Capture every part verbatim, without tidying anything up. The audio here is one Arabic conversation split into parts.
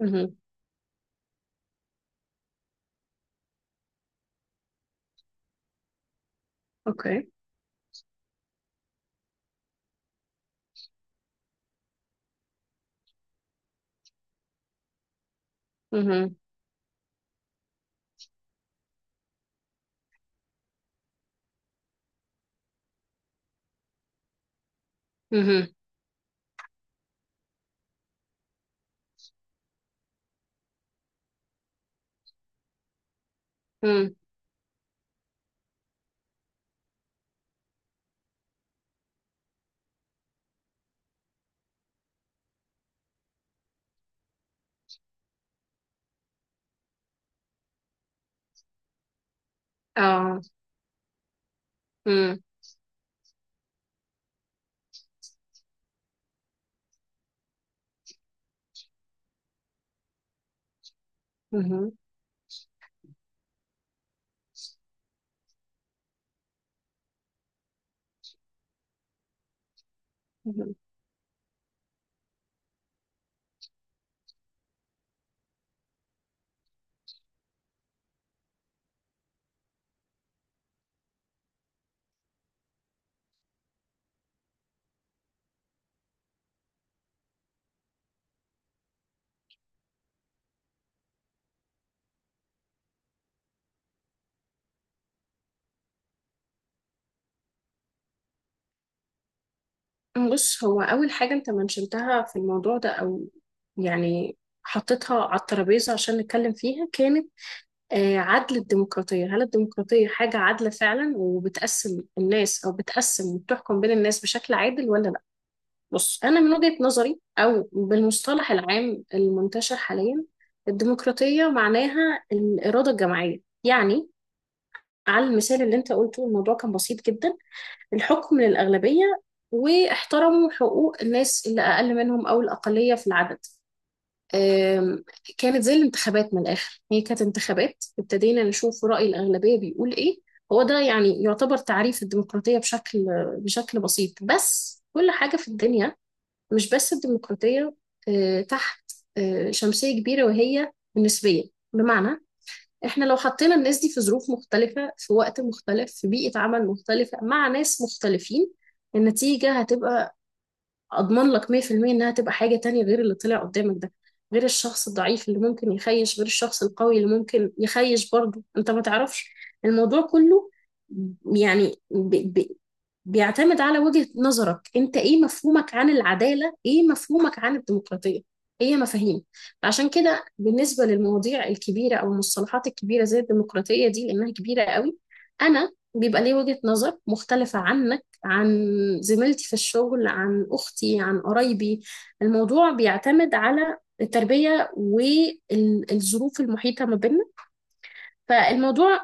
مهم. اوكي. مهم. مهم. مم. اه. مم. مهم. مهم. بص، هو اول حاجه انت منشنتها في الموضوع ده او يعني حطيتها على الترابيزه عشان نتكلم فيها كانت آه، عدل الديمقراطيه. هل الديمقراطيه حاجه عادله فعلا وبتقسم الناس او بتقسم وبتحكم بين الناس بشكل عادل ولا لا؟ بص، انا من وجهه نظري او بالمصطلح العام المنتشر حاليا الديمقراطيه معناها الاراده الجماعيه. يعني على المثال اللي انت قلته الموضوع كان بسيط جدا: الحكم للأغلبية، واحترموا حقوق الناس اللي أقل منهم أو الأقلية في العدد. أم، كانت زي الانتخابات. من الآخر هي كانت انتخابات ابتدينا نشوف رأي الأغلبية بيقول إيه. هو ده يعني يعتبر تعريف الديمقراطية بشكل بشكل بسيط بس كل حاجة في الدنيا مش بس الديمقراطية أه، تحت أه، شمسية كبيرة، وهي النسبية. بمعنى، احنا لو حطينا الناس دي في ظروف مختلفة في وقت مختلف في بيئة عمل مختلفة مع ناس مختلفين، النتيجة هتبقى، اضمن لك مية في المية انها تبقى حاجة تانية غير اللي طلع قدامك ده. غير الشخص الضعيف اللي ممكن يخيش، غير الشخص القوي اللي ممكن يخيش برضه، انت ما تعرفش. الموضوع كله يعني ب... ب... بيعتمد على وجهة نظرك. انت ايه مفهومك عن العدالة؟ ايه مفهومك عن الديمقراطية؟ هي مفاهيم. عشان كده بالنسبة للمواضيع الكبيرة او المصطلحات الكبيرة زي الديمقراطية دي، لانها كبيرة قوي، انا بيبقى لي وجهة نظر مختلفة عنك، عن زميلتي في الشغل، عن أختي، عن قرايبي. الموضوع بيعتمد على التربية والظروف المحيطة ما بيننا. فالموضوع،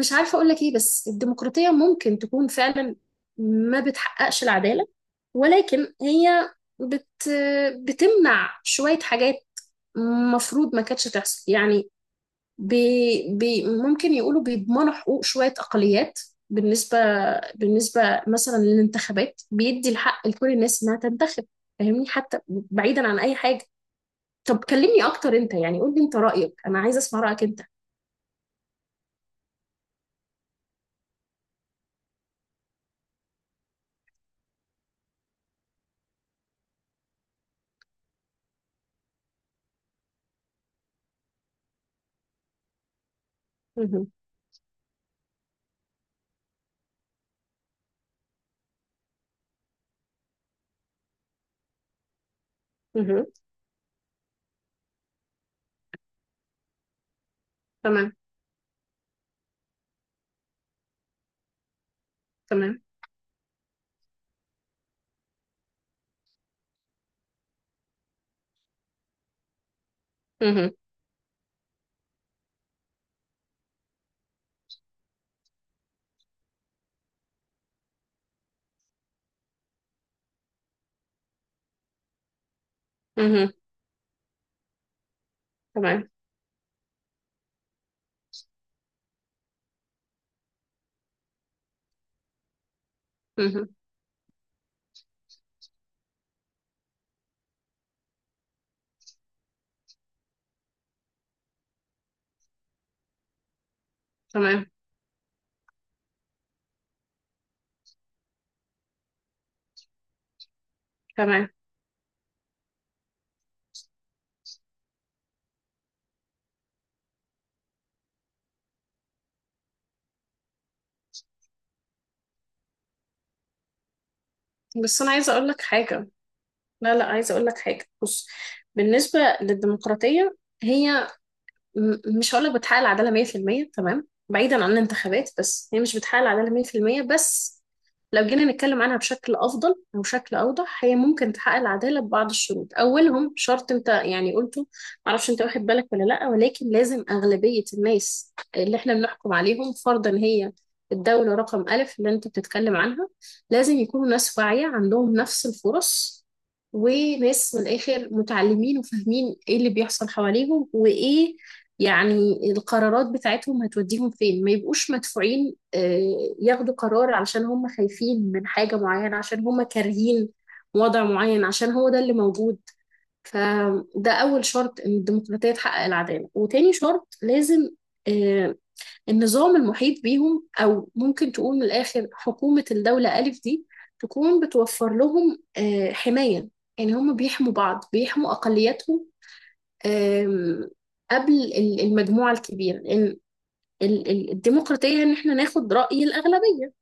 مش عارفة أقول لك إيه، بس الديمقراطية ممكن تكون فعلا ما بتحققش العدالة، ولكن هي بت... بتمنع شوية حاجات مفروض ما كانتش تحصل يعني. بي بي ممكن يقولوا بيضمنوا حقوق شوية أقليات. بالنسبة بالنسبة مثلا للانتخابات، بيدي الحق لكل الناس إنها تنتخب. فاهمني؟ حتى بعيدا عن أي حاجة، طب كلمني أكتر أنت، يعني قول لي أنت رأيك. أنا عايزة أسمع رأيك أنت. مهم. مهم. تمام. تمام. مهم. مهم. تمام. مهم. تمام. تمام. بس أنا عايزة أقول لك حاجة. لا لا، عايزة أقول لك حاجة، بص. بالنسبة للديمقراطية، هي م- مش هقولك بتحقق العدالة مية في المية تمام بعيدا عن الانتخابات، بس هي مش بتحقق العدالة مية في المية. بس لو جينا نتكلم عنها بشكل أفضل أو بشكل أوضح، هي ممكن تحقق العدالة ببعض الشروط. أولهم شرط أنت يعني قلته، معرفش أنت واخد بالك ولا لأ، ولكن لازم أغلبية الناس اللي إحنا بنحكم عليهم فرضا، هي الدولة رقم ألف اللي أنت بتتكلم عنها، لازم يكونوا ناس واعية عندهم نفس الفرص، وناس من الآخر متعلمين وفاهمين إيه اللي بيحصل حواليهم، وإيه يعني القرارات بتاعتهم هتوديهم فين، ما يبقوش مدفوعين آه، ياخدوا قرار علشان هم خايفين من حاجة معينة، عشان هم كارهين وضع معين، عشان هو ده اللي موجود. فده أول شرط إن الديمقراطية تحقق العدالة. وتاني شرط، لازم آه، النظام المحيط بيهم، أو ممكن تقول من الآخر حكومة الدولة ألف دي، تكون بتوفر لهم آه، حماية. يعني هم بيحموا بعض، بيحموا أقلياتهم، آم، قبل ال- المجموعة الكبيرة. لأن ال- ال- الديمقراطية إن إحنا ناخد رأي الأغلبية،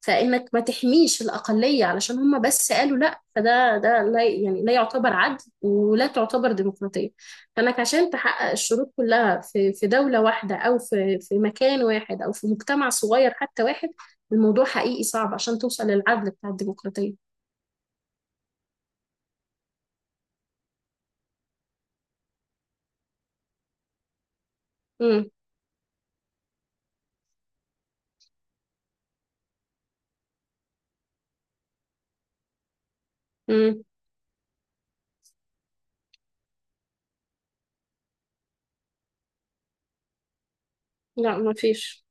فإنك ما تحميش الأقلية علشان هم بس قالوا لأ، فده ده لا يعني لا يعتبر عدل ولا تعتبر ديمقراطية. فإنك عشان تحقق الشروط كلها في في دولة واحدة، أو في في مكان واحد، أو في مجتمع صغير حتى واحد، الموضوع حقيقي صعب عشان توصل للعدل بتاع الديمقراطية. امم. امم. لا ما فيش.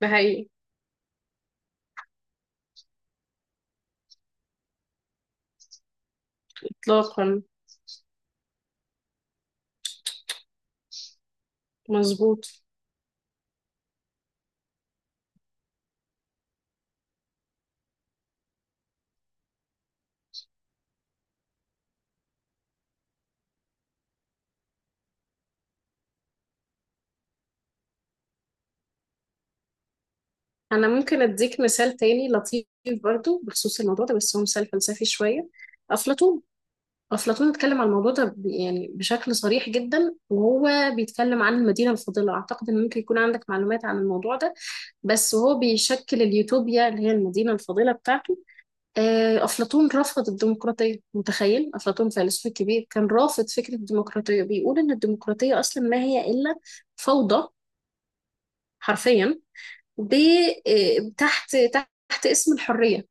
ده حقيقي. إطلاقا. مظبوط. أنا ممكن أديك مثال تاني لطيف، برضو بخصوص الموضوع ده، بس هو مثال فلسفي شوية. أفلاطون. أفلاطون اتكلم عن الموضوع ده ب- يعني بشكل صريح جدا، وهو بيتكلم عن المدينة الفاضلة. أعتقد إن ممكن يكون عندك معلومات عن الموضوع ده، بس هو بيشكل اليوتوبيا اللي هي المدينة الفاضلة بتاعته. آه، أفلاطون رفض الديمقراطية. متخيل؟ أفلاطون فيلسوف كبير كان رافض فكرة الديمقراطية، بيقول إن الديمقراطية أصلا ما هي إلا فوضى، حرفيا. ب آه، تحت تحت اسم الحرية،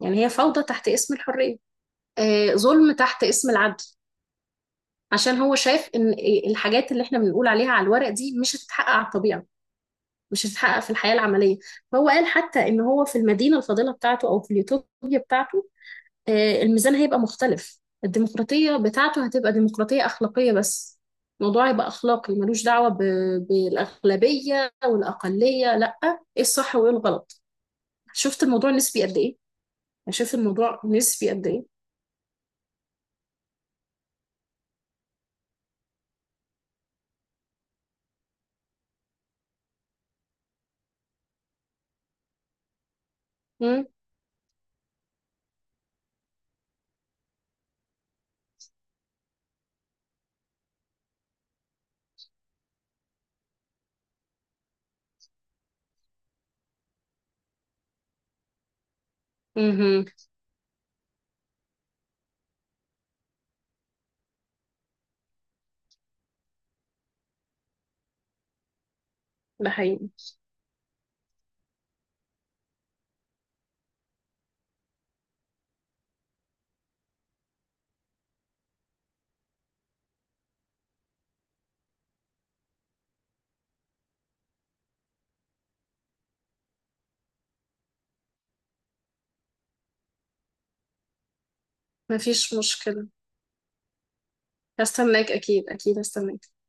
يعني هي فوضى تحت اسم الحرية، آه، ظلم تحت اسم العدل. عشان هو شايف ان آه، الحاجات اللي احنا بنقول عليها على الورق دي مش هتتحقق على الطبيعة، مش هتتحقق في الحياة العملية. فهو قال حتى ان هو في المدينة الفاضلة بتاعته او في اليوتوبيا بتاعته، آه، الميزان هيبقى مختلف. الديمقراطية بتاعته هتبقى ديمقراطية أخلاقية بس، الموضوع هيبقى أخلاقي ملوش دعوة ب- بالأغلبية والأقلية، لأ، إيه الصح وإيه الغلط. شفت الموضوع نسبي قد إيه؟ يعني شوف الموضوع نسبي قد ايه. مم. مهم. ده حقيقي. مفيش مشكلة. هستناك، اكيد اكيد هستناك.